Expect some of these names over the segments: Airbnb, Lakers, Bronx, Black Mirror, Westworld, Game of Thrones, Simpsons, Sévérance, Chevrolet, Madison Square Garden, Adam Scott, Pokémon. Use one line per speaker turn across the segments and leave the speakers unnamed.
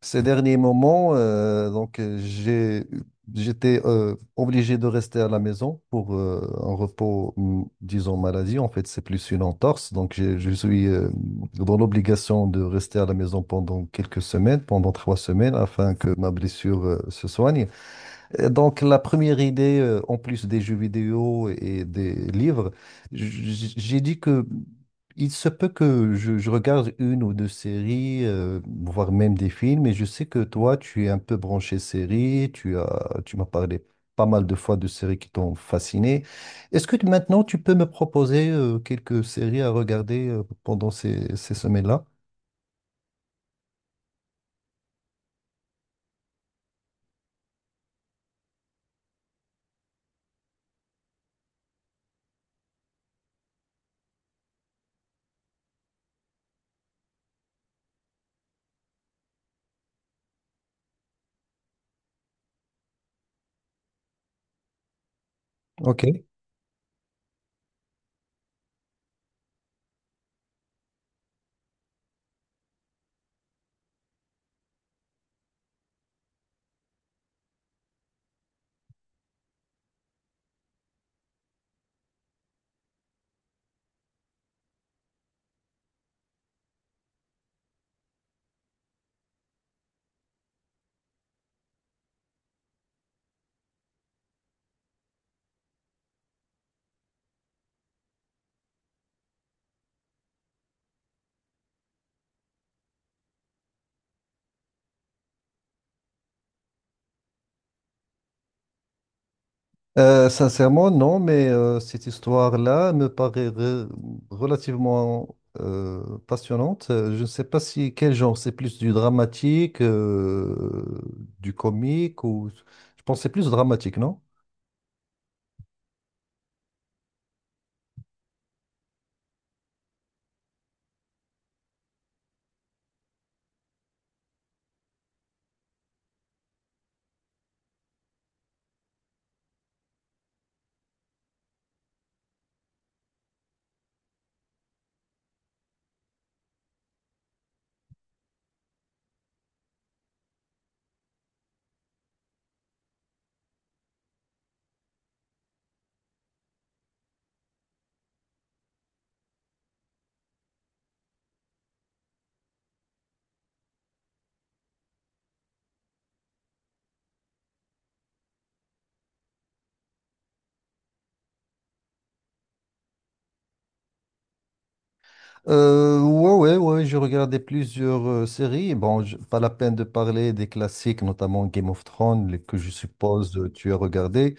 Ces derniers moments, j'étais obligé de rester à la maison pour un repos, disons maladie. En fait, c'est plus une entorse. Je suis dans l'obligation de rester à la maison pendant quelques semaines, pendant trois semaines, afin que ma blessure se soigne. Donc, la première idée, en plus des jeux vidéo et des livres, j'ai dit que il se peut que je regarde une ou deux séries, voire même des films, et je sais que toi, tu es un peu branché séries, tu m'as parlé pas mal de fois de séries qui t'ont fasciné. Est-ce que maintenant, tu peux me proposer, quelques séries à regarder, pendant ces semaines-là? Ok. Sincèrement, non, mais cette histoire-là me paraît relativement passionnante. Je ne sais pas si quel genre, c'est plus du dramatique, du comique ou je pense que c'est plus dramatique, non? Ouais, j'ai regardé plusieurs séries. Bon, pas la peine de parler des classiques, notamment Game of Thrones, que je suppose tu as regardé.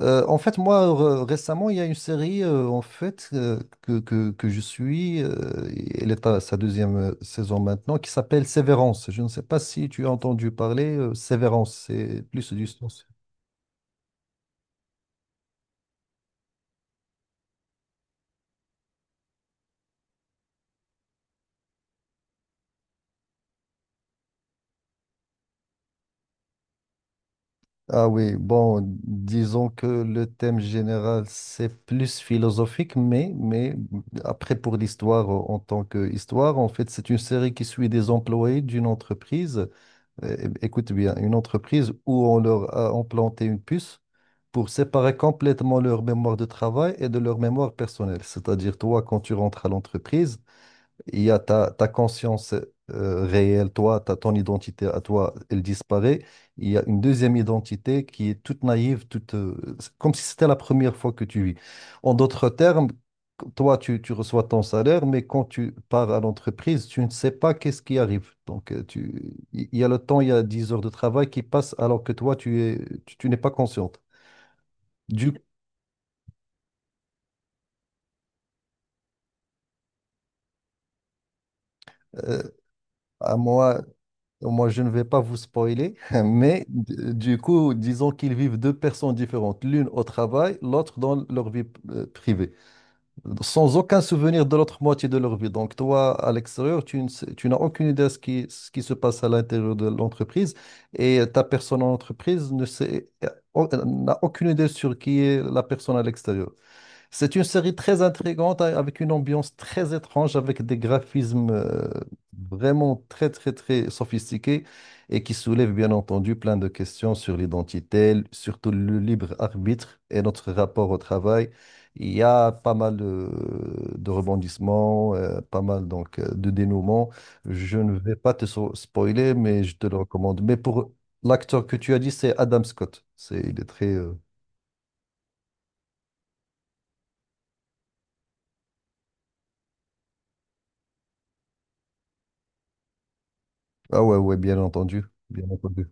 En fait, moi, récemment, il y a une série en fait que je suis. Et elle est à sa deuxième saison maintenant, qui s'appelle Sévérance. Je ne sais pas si tu as entendu parler. Sévérance, c'est plus du sens. Ah oui, bon, disons que le thème général, c'est plus philosophique, mais après, pour l'histoire en tant qu'histoire, en fait, c'est une série qui suit des employés d'une entreprise. Écoute bien, une entreprise où on leur a implanté une puce pour séparer complètement leur mémoire de travail et de leur mémoire personnelle. C'est-à-dire, toi, quand tu rentres à l'entreprise, il y a ta conscience réelle, toi, ton identité à toi, elle disparaît. Il y a une deuxième identité qui est toute naïve, toute, c'est comme si c'était la première fois que tu vis. En d'autres termes, toi, tu reçois ton salaire, mais quand tu pars à l'entreprise, tu ne sais pas qu'est-ce qui arrive. Donc, il y a le temps, il y a 10 heures de travail qui passent alors que toi, tu es, tu tu n'es pas consciente. Du euh, à moi, moi, je ne vais pas vous spoiler, mais du coup, disons qu'ils vivent deux personnes différentes, l'une au travail, l'autre dans leur vie privée, sans aucun souvenir de l'autre moitié de leur vie. Donc, toi, à l'extérieur, tu ne sais- tu n'as aucune idée de ce qui se passe à l'intérieur de l'entreprise et ta personne en entreprise ne sait, n'a aucune idée sur qui est la personne à l'extérieur. C'est une série très intrigante avec une ambiance très étrange, avec des graphismes vraiment très très très sophistiqués et qui soulèvent bien entendu plein de questions sur l'identité, surtout le libre arbitre et notre rapport au travail. Il y a pas mal de rebondissements, pas mal donc de dénouements. Je ne vais pas te spoiler, mais je te le recommande. Mais pour l'acteur que tu as dit, c'est Adam Scott. C'est, il est très... Ah ouais, ouais, bien entendu. Bien entendu.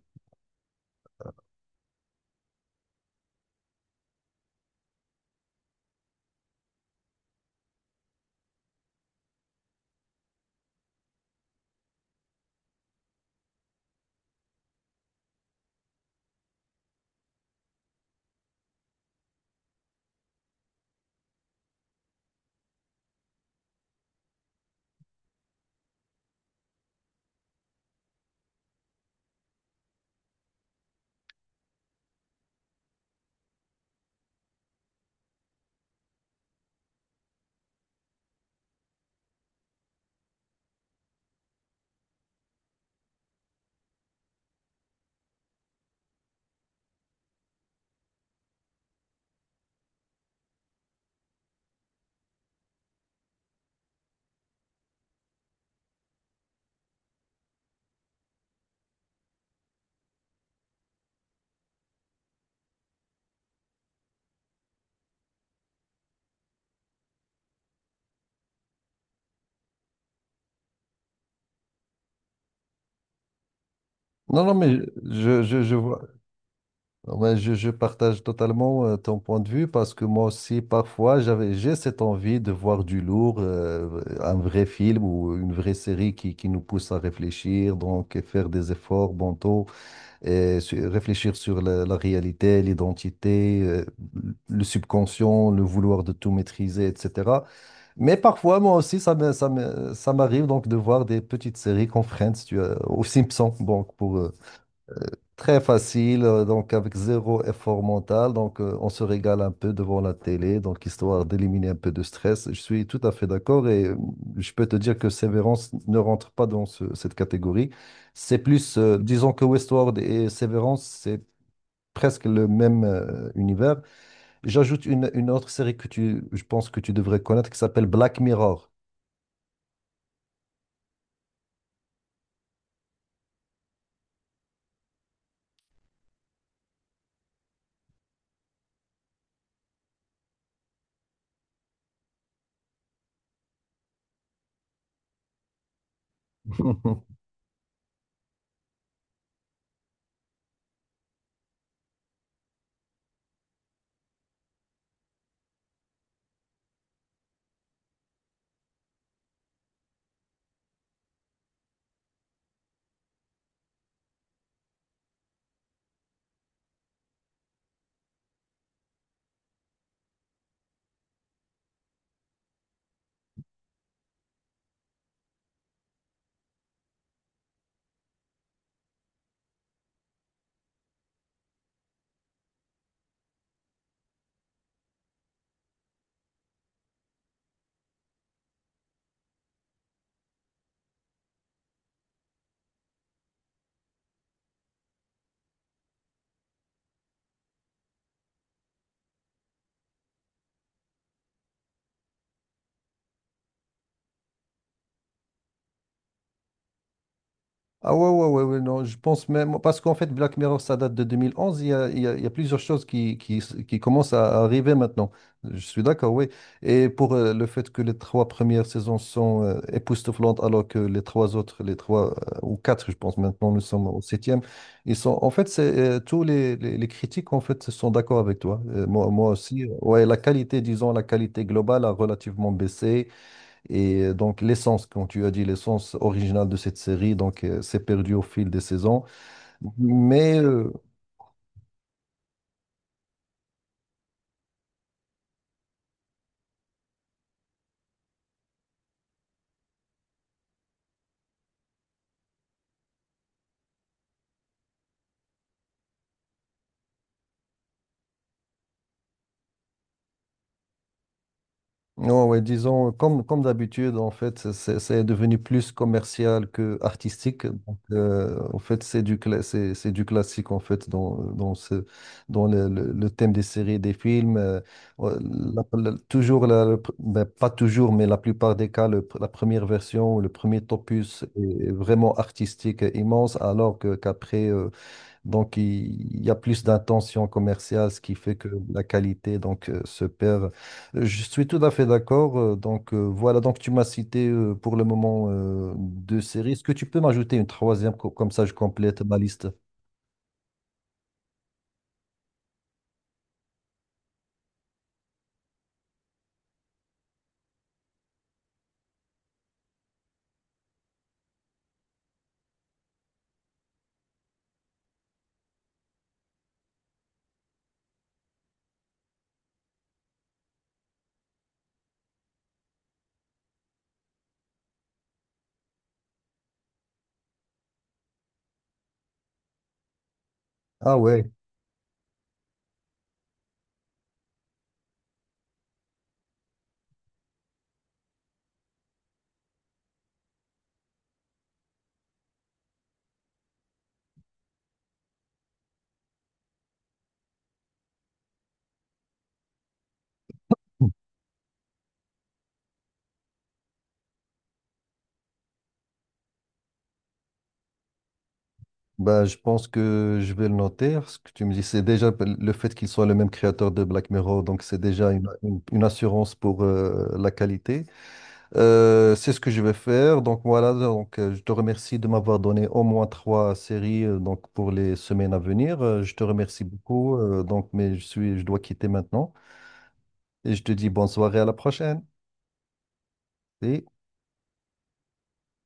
Non, non, mais je vois, non, mais je partage totalement ton point de vue parce que moi aussi, parfois, j'ai cette envie de voir du lourd, un vrai film ou une vraie série qui nous pousse à réfléchir, donc et faire des efforts mentaux et réfléchir sur la réalité, l'identité, le subconscient, le vouloir de tout maîtriser, etc. Mais parfois, moi aussi, ça m'arrive donc de voir des petites séries qu'on freine, si tu veux, aux Simpsons, donc pour. Très facile, donc avec zéro effort mental. Donc, on se régale un peu devant la télé, donc histoire d'éliminer un peu de stress. Je suis tout à fait d'accord et je peux te dire que Severance ne rentre pas dans cette catégorie. C'est plus, disons que Westworld et Severance, c'est presque le même univers. J'ajoute une autre série que tu, je pense que tu devrais connaître qui s'appelle Black Mirror. Ah ouais, ouais, ouais, ouais, non, je pense même, parce qu'en fait, Black Mirror, ça date de 2011, il y a plusieurs choses qui commencent à arriver maintenant. Je suis d'accord, oui. Et pour le fait que les trois premières saisons sont époustouflantes, alors que les trois autres, les trois ou quatre, je pense maintenant, nous sommes au septième, ils sont, en fait, tous les critiques, en fait, sont d'accord avec toi. Moi aussi, ouais, disons, la qualité globale a relativement baissé. Et donc, l'essence, quand tu as dit l'essence originale de cette série, donc, s'est perdue au fil des saisons. Mais, euh, ouais, ouais, disons, comme d'habitude, en fait, c'est devenu plus commercial que artistique. Donc, en fait, c'est du classique, en fait, dans le thème des séries et des films. Ouais, la- toujours, ben, pas toujours, mais la plupart des cas, la première version, le premier opus est vraiment artistique et immense, alors qu'après, donc il y a plus d'intention commerciale, ce qui fait que la qualité donc, se perd. Je suis tout à fait d'accord. Voilà, donc tu m'as cité pour le moment deux séries. Est-ce que tu peux m'ajouter une troisième, comme ça je complète ma liste? Ah ouais. Bah, je pense que je vais le noter. Ce que tu me dis, c'est déjà le fait qu'il soit le même créateur de Black Mirror, donc c'est déjà une assurance pour la qualité. C'est ce que je vais faire. Donc voilà, donc, je te remercie de m'avoir donné au moins trois séries donc, pour les semaines à venir. Je te remercie beaucoup. Mais je dois quitter maintenant. Et je te dis bonne soirée à la prochaine. Et